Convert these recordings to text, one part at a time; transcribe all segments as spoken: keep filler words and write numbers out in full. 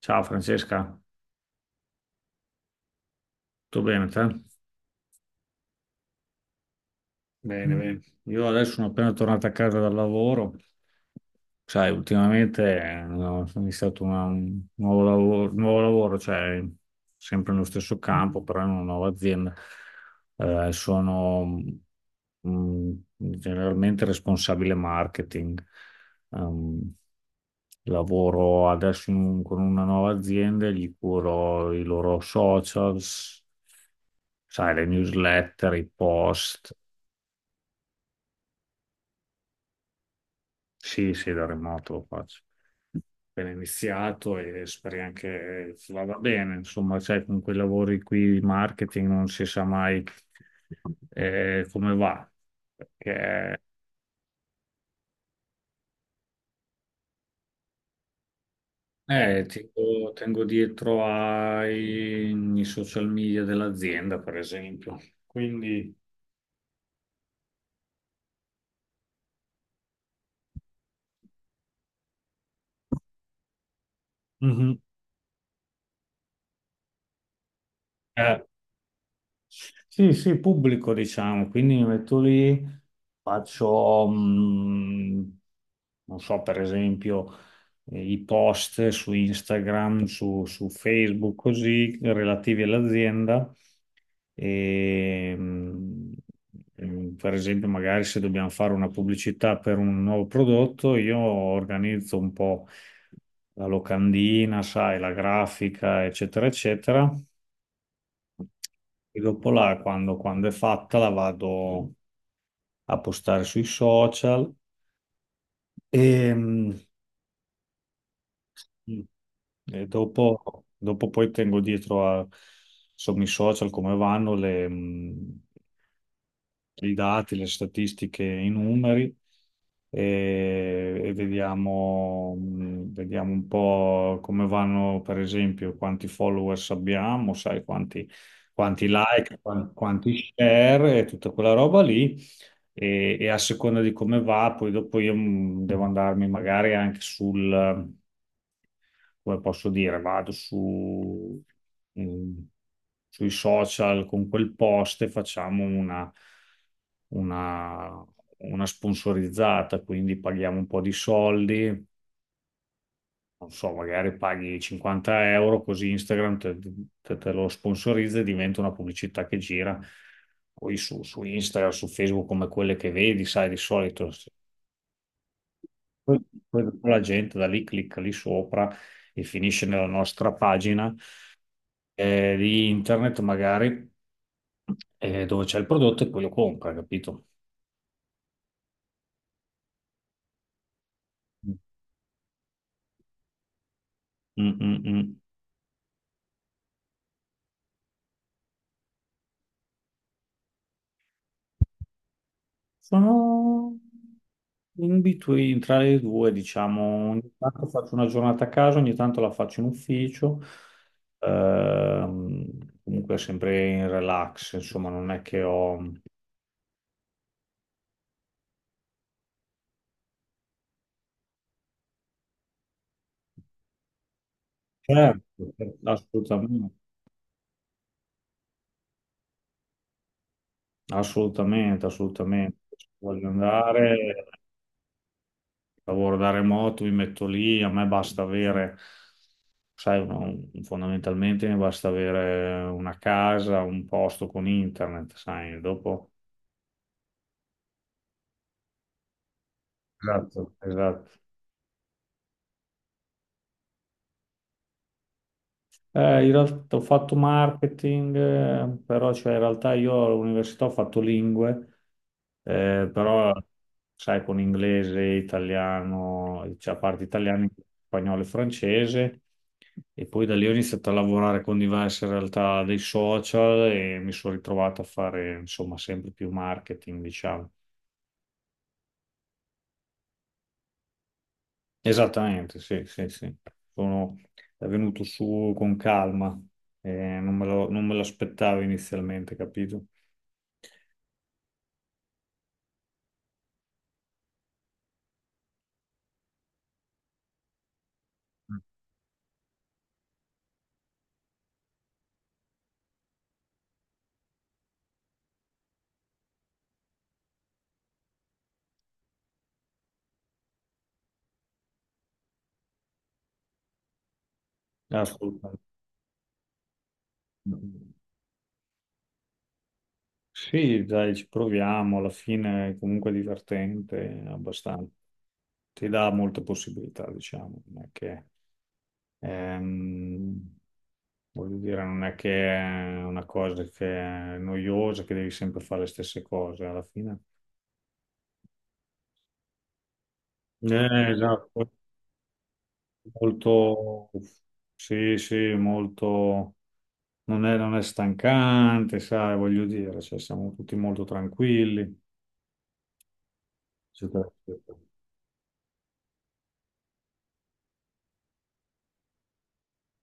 Ciao Francesca, tutto bene te? Bene, bene. Io adesso sono appena tornato a casa dal lavoro. Sai, ultimamente eh, ho iniziato una- un nuovo lavoro, nuovo lavoro, cioè sempre nello stesso campo, però in una nuova azienda. Eh, sono mm, generalmente responsabile marketing. Ehm, lavoro adesso in un- con una nuova azienda, e gli curo i loro socials, sai, le newsletter, i post. Sì, sì, da remoto lo faccio. Appena iniziato e speri anche che vada bene. Insomma, sai, con quei lavori qui di marketing non si sa mai eh, come va. Perché eh, tengo, tengo dietro ai, ai social media dell'azienda, per esempio. Quindi, mhm. Eh, sì, sì, pubblico diciamo, quindi mi metto lì, faccio, mh, non so, per esempio, eh, i post su Instagram, su, su Facebook, così, relativi all'azienda. E, mh, mh, per esempio, magari se dobbiamo fare una pubblicità per un nuovo prodotto, io organizzo un po' la locandina, sai, la grafica, eccetera, eccetera. E dopo la, quando, quando è fatta, la vado a postare sui social e, mm, e dopo, dopo poi tengo dietro a, insomma, i social come vanno le, i dati, le statistiche, i numeri e, e vediamo, mh, vediamo un po' come vanno, per esempio, quanti followers abbiamo, sai, quanti, quanti like, quan- quanti share e tutta quella roba lì. E, e a seconda di come va, poi dopo io mh, devo andarmi magari anche sul come posso dire, vado su, mm, sui social con quel post e facciamo una, una, una sponsorizzata, quindi paghiamo un po' di soldi, non so, magari paghi cinquanta euro, così Instagram te, te- te lo sponsorizza e diventa una pubblicità che gira. Poi su, su Instagram, su Facebook, come quelle che vedi, sai, di solito se- poi- poi la gente da lì clicca lì sopra e finisce nella nostra pagina eh, di internet magari eh, dove c'è il prodotto e poi lo compra, capito? Mm, mm, mm. Sono in between tra le due, diciamo, ogni tanto faccio una giornata a casa, ogni tanto la faccio in ufficio. Ehm, comunque sempre in relax, insomma, non è che ho... Certo, certo, assolutamente, assolutamente, assolutamente. Se voglio andare. Lavoro da remoto, mi metto lì, a me basta avere, sai, uno- fondamentalmente mi basta avere una casa, un posto con internet, sai, dopo... Esatto. Esatto. Eh, in realtà ho fatto marketing, eh, però cioè, in realtà io all'università ho fatto lingue, eh, però sai con inglese, italiano, cioè a parte italiano, spagnolo e francese, e poi da lì ho iniziato a lavorare con diverse realtà dei social e mi sono ritrovato a fare insomma sempre più marketing, diciamo. Esattamente, sì, sì, sì. Sono è venuto su con calma, eh, non me lo- non me l'aspettavo inizialmente, capito? Assolutamente. Sì, dai, ci proviamo, alla fine è comunque divertente abbastanza. Ti dà molte possibilità, diciamo, non è che, ehm, voglio dire, non è che è una cosa che è noiosa, che devi sempre fare le stesse cose, alla fine. Eh, esatto, molto, sì, sì, molto, non è, non è stancante, sai, voglio dire, cioè, siamo tutti molto tranquilli, eccetera, eccetera.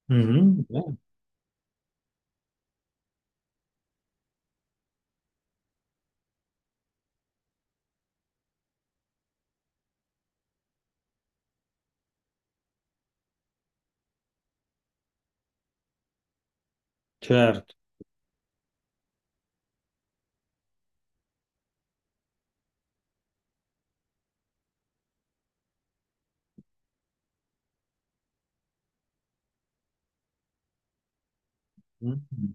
Mhm, eh, certo, mm,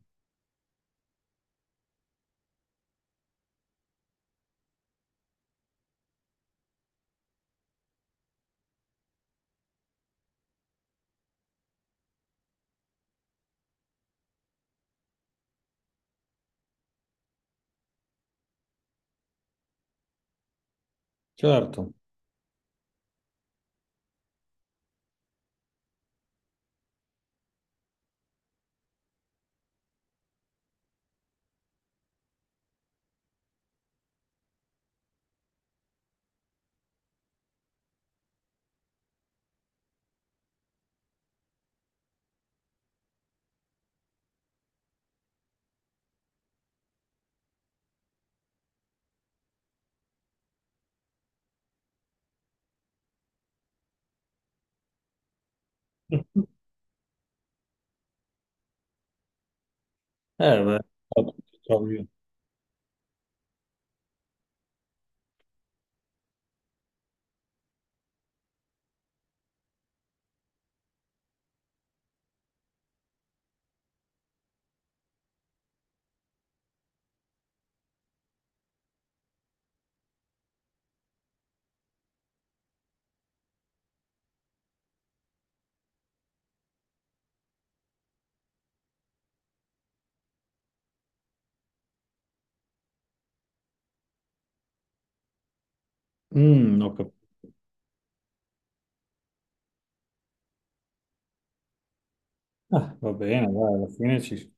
certo. Eh, beh, ho capito. Mm, ho cap- Ah, va bene, dai, alla fine ci...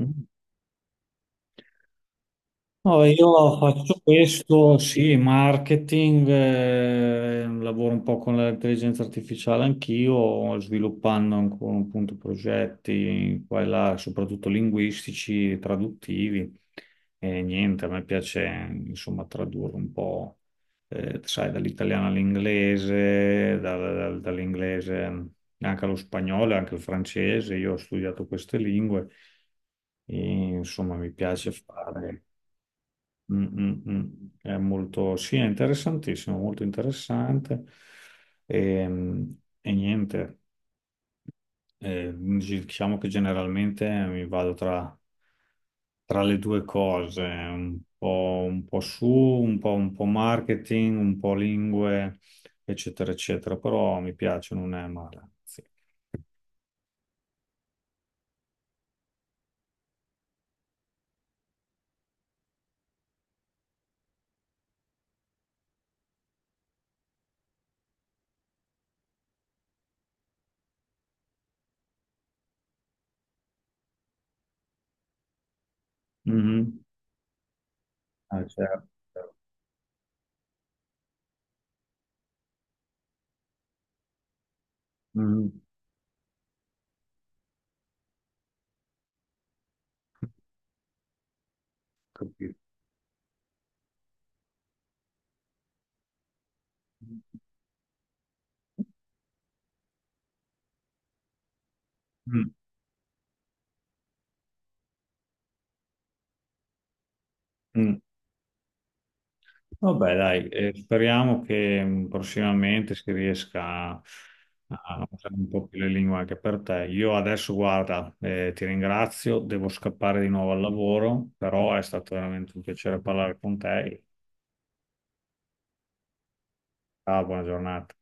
Mm. No, io faccio questo, sì, marketing, eh, lavoro un po' con l'intelligenza artificiale anch'io, sviluppando ancora un punto progetti qua e là, soprattutto linguistici, traduttivi. E niente, a me piace insomma tradurre un po', eh, sai, dall'italiano all'inglese, dal- dal- dall'inglese anche allo spagnolo, e anche al francese. Io ho studiato queste lingue. E, insomma, mi piace fare. Mm, mm, mm. È molto, sì, è interessantissimo, molto interessante. E, mm, e niente, eh, diciamo che generalmente mi vado tra, tra le due cose, un po', un po' su, un po', un po' marketing, un po' lingue, eccetera, eccetera, però mi piace, non è male. Sì. Mhm. Ah, certo. Mhm. Capito. Mm, mm. Vabbè, dai, eh, speriamo che mh, prossimamente si riesca a a usare un po' più le lingue anche per te. Io adesso, guarda, eh, ti ringrazio, devo scappare di nuovo al lavoro, però è stato veramente un piacere parlare con te. Ciao, buona giornata.